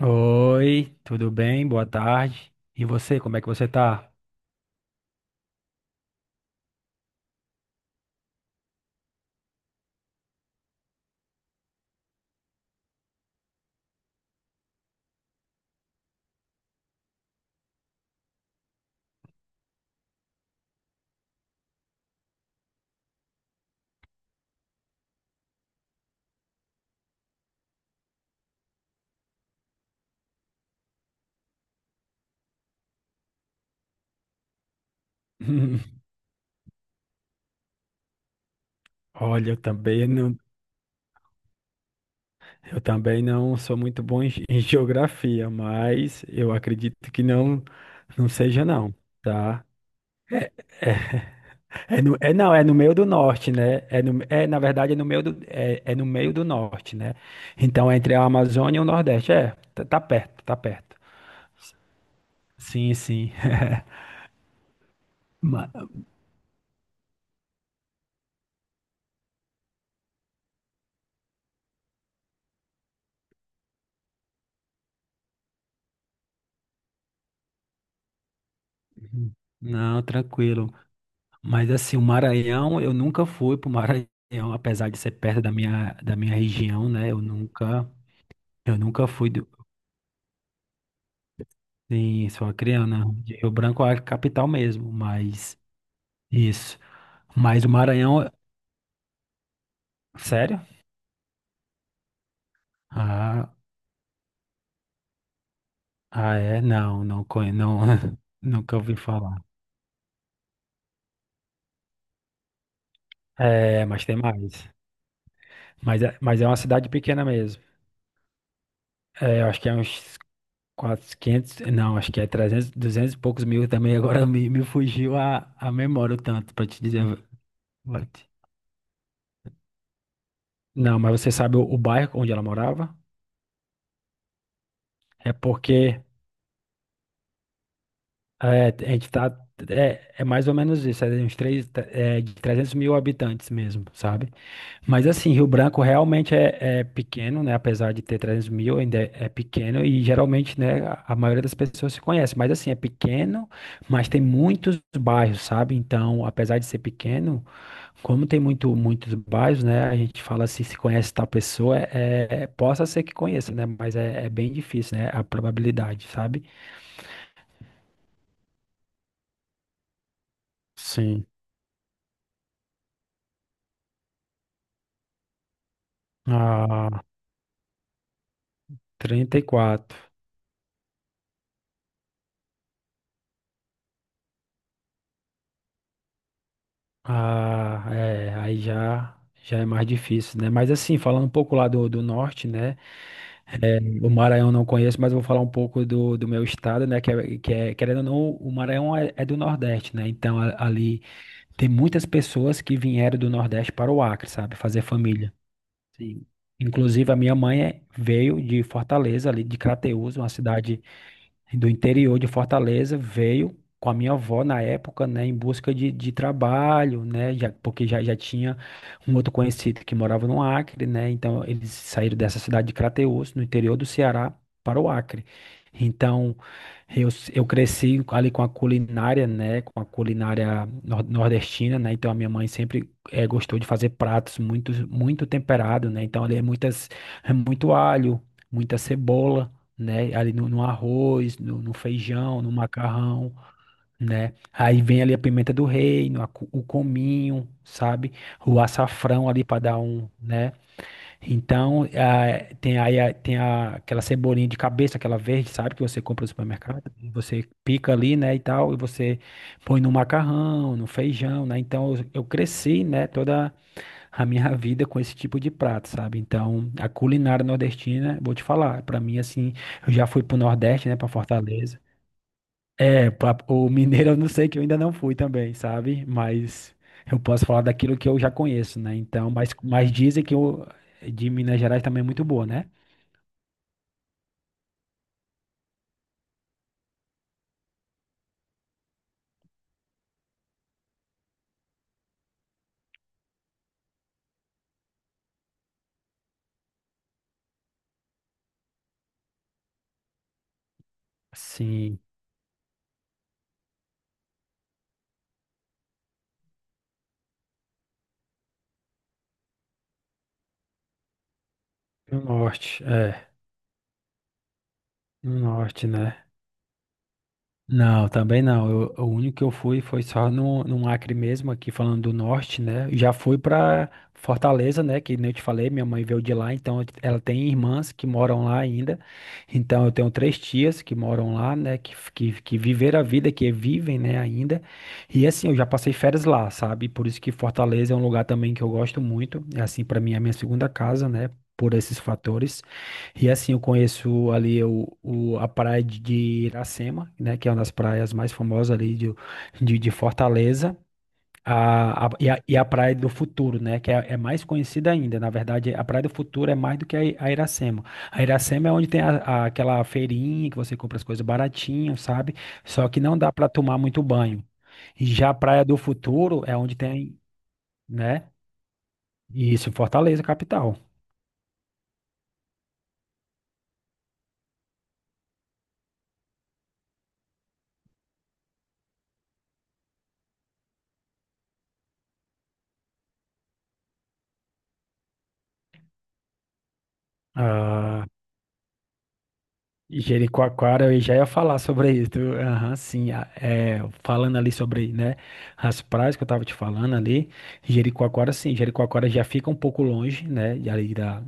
Oi, tudo bem? Boa tarde. E você, como é que você tá? Olha, eu também não sou muito bom em geografia, mas eu acredito que não, não seja não, tá? É, no meio do norte, né? É, no, é na verdade é no meio do, é, é no meio do norte, né? Então é entre a Amazônia e o Nordeste, é, tá, tá perto, tá perto. Sim, sim. Ma- Não, tranquilo. Mas assim, o Maranhão, eu nunca fui pro Maranhão, apesar de ser perto da minha região, né? Eu nunca fui do, em Suacriana, de Rio Branco é a capital mesmo, mas isso. Mas o Maranhão, sério? Ah, ah, é? Não, não, nunca ouvi falar. É, mas tem mais. Mas é uma cidade pequena mesmo. É, eu acho que é uns 400, 500 não, acho que é 300 200 e poucos mil também. Agora me fugiu a memória o tanto, pra te dizer. What? Não, mas você sabe o bairro onde ela morava? É porque é, a gente tá. É, é mais ou menos isso, é de 300 mil habitantes mesmo, sabe? Mas assim, Rio Branco realmente é pequeno, né? Apesar de ter 300 mil, ainda é pequeno e geralmente, né, a maioria das pessoas se conhece. Mas assim, é pequeno, mas tem muitos bairros, sabe? Então, apesar de ser pequeno, como tem muitos bairros, né? A gente fala assim, se conhece tal pessoa, possa ser que conheça, né? Mas é bem difícil, né? A probabilidade, sabe? Sim. Ah, 34. Ah, é, aí já, já é mais difícil, né? Mas assim, falando um pouco lá do norte, né? É, o Maranhão eu não conheço, mas eu vou falar um pouco do meu estado, né? Querendo ou não, o Maranhão é do Nordeste, né? Então ali tem muitas pessoas que vieram do Nordeste para o Acre, sabe? Fazer família. Sim. Inclusive a minha mãe veio de Fortaleza, ali de Crateús, uma cidade do interior de Fortaleza, veio com a minha avó na época, né, em busca de trabalho, né, já, porque já tinha um outro conhecido que morava no Acre, né, então eles saíram dessa cidade de Crateús, no interior do Ceará, para o Acre. Então, eu cresci ali com a culinária, né, com a culinária nordestina, né, então a minha mãe sempre gostou de fazer pratos muito, muito temperado né, então ali é muito alho, muita cebola, né? Ali no arroz, no feijão, no macarrão, né? Aí vem ali a pimenta do reino, o cominho, sabe? O açafrão ali para dar um, né? Então, ah, tem aí aquela cebolinha de cabeça, aquela verde, sabe? Que você compra no supermercado, e você pica ali, né? E tal, e você põe no macarrão, no feijão, né? Então, eu cresci, né? Toda a minha vida com esse tipo de prato, sabe? Então, a culinária nordestina, vou te falar, pra mim assim, eu já fui pro Nordeste, né, pra Fortaleza. É, o mineiro eu não sei que eu ainda não fui também, sabe? Mas eu posso falar daquilo que eu já conheço, né? Então, mas dizem que o de Minas Gerais também é muito boa, né? Sim, no norte, é, no norte, né? Não, também não. O único que eu fui foi só no Acre mesmo, aqui falando do norte, né? Já fui pra Fortaleza, né? Que nem eu te falei, minha mãe veio de lá, então ela tem irmãs que moram lá ainda. Então eu tenho três tias que moram lá, né? Que viveram a vida, que vivem, né, ainda. E assim, eu já passei férias lá, sabe? Por isso que Fortaleza é um lugar também que eu gosto muito. É assim, pra mim, é a minha segunda casa, né? Por esses fatores. E assim, eu conheço ali a praia de Iracema, né, que é uma das praias mais famosas ali de Fortaleza, e a Praia do Futuro, né, que é mais conhecida ainda. Na verdade, a Praia do Futuro é mais do que a Iracema. A Iracema é onde tem aquela feirinha que você compra as coisas baratinho, sabe? Só que não dá para tomar muito banho. E já a Praia do Futuro é onde tem, né, isso, Fortaleza, capital. Ah, Jericoacoara, eu já ia falar sobre isso. Aham, sim. Falando ali sobre, né, as praias que eu tava te falando ali. Jericoacoara, sim. Jericoacoara já fica um pouco longe, né, de ali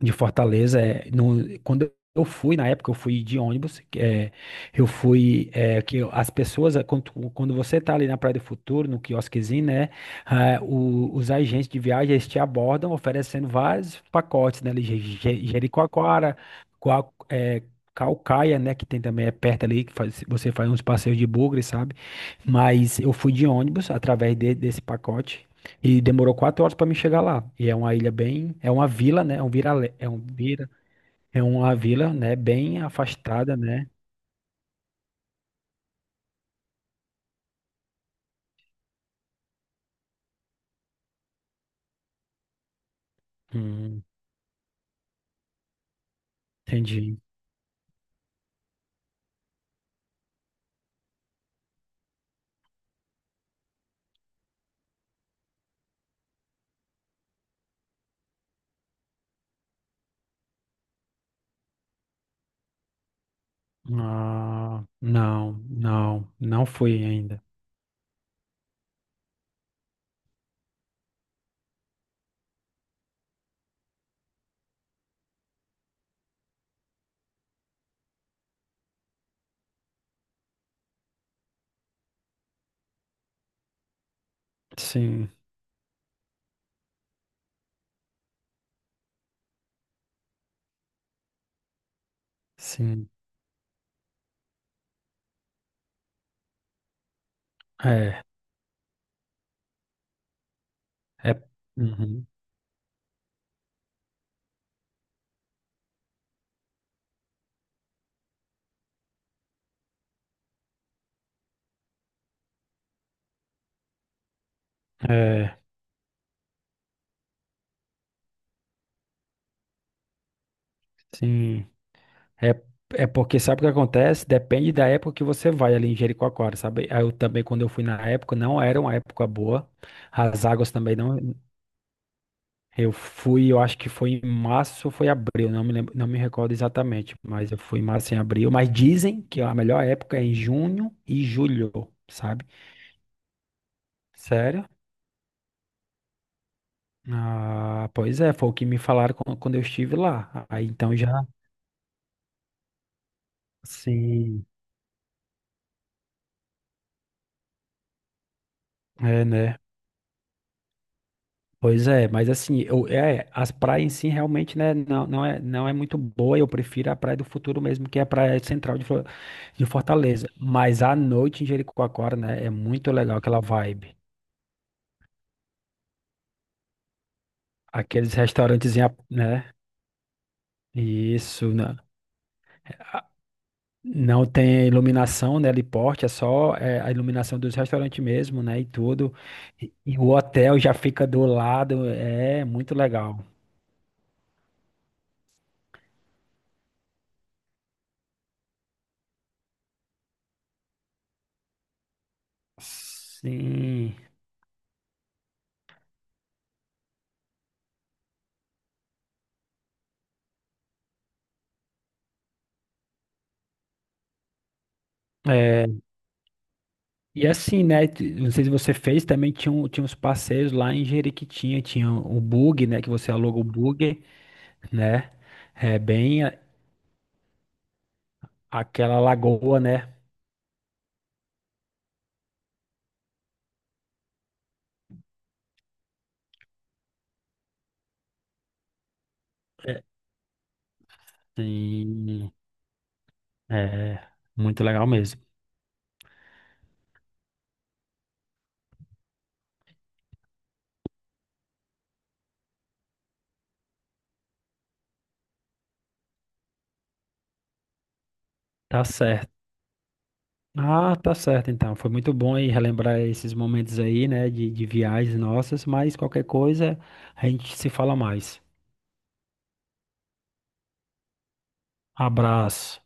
de Fortaleza. É, quando eu fui, na época, eu fui de ônibus. É, eu fui. É, que as pessoas, é, quando você tá ali na Praia do Futuro, no quiosquezinho, né? Ah, os agentes de viagem eles te abordam oferecendo vários pacotes, né? Ali, Jericoacoara, Coa- é, Caucaia, né? Que tem também é perto ali, que você faz uns passeios de bugre, sabe? Mas eu fui de ônibus através desse pacote e demorou 4 horas para me chegar lá. E é uma ilha bem, é uma vila, né? É uma vila, né? Bem afastada, né? Hum, entendi. Ah, não, não, não fui ainda. Sim, sim. É, é, uhum, é, sim. É, é. Porque sabe o que acontece? Depende da época que você vai ali em Jericoacoara, sabe? Aí eu também, quando eu fui na época, não era uma época boa. As águas também não. Eu fui, eu acho que foi em março ou foi abril, não me lembro, não me recordo exatamente, mas eu fui em março e em abril. Mas dizem que a melhor época é em junho e julho, sabe? Sério? Ah, pois é, foi o que me falaram quando eu estive lá. Aí então já. Sim. É, né? Pois é, mas assim, eu, é, as praias em si realmente, né, não é muito boa, eu prefiro a Praia do Futuro mesmo, que é a Praia Central de Fortaleza, mas à noite em Jericoacoara, né, é muito legal aquela vibe, aqueles restaurantes, em né, isso, né, a- não tem iluminação, né, ali porte, a iluminação dos restaurantes mesmo, né, e tudo, e o hotel já fica do lado, é muito legal. Sim. É, e assim, né? Não sei se você fez, também tinha uns passeios lá em Jeriquitinha, tinha o bug, né? Que você aluga o bug, né? É bem a- aquela lagoa, né? É, sim, é muito legal mesmo. Tá certo. Ah, tá certo, então. Foi muito bom aí relembrar esses momentos aí, né? De viagens nossas, mas qualquer coisa a gente se fala mais. Abraço.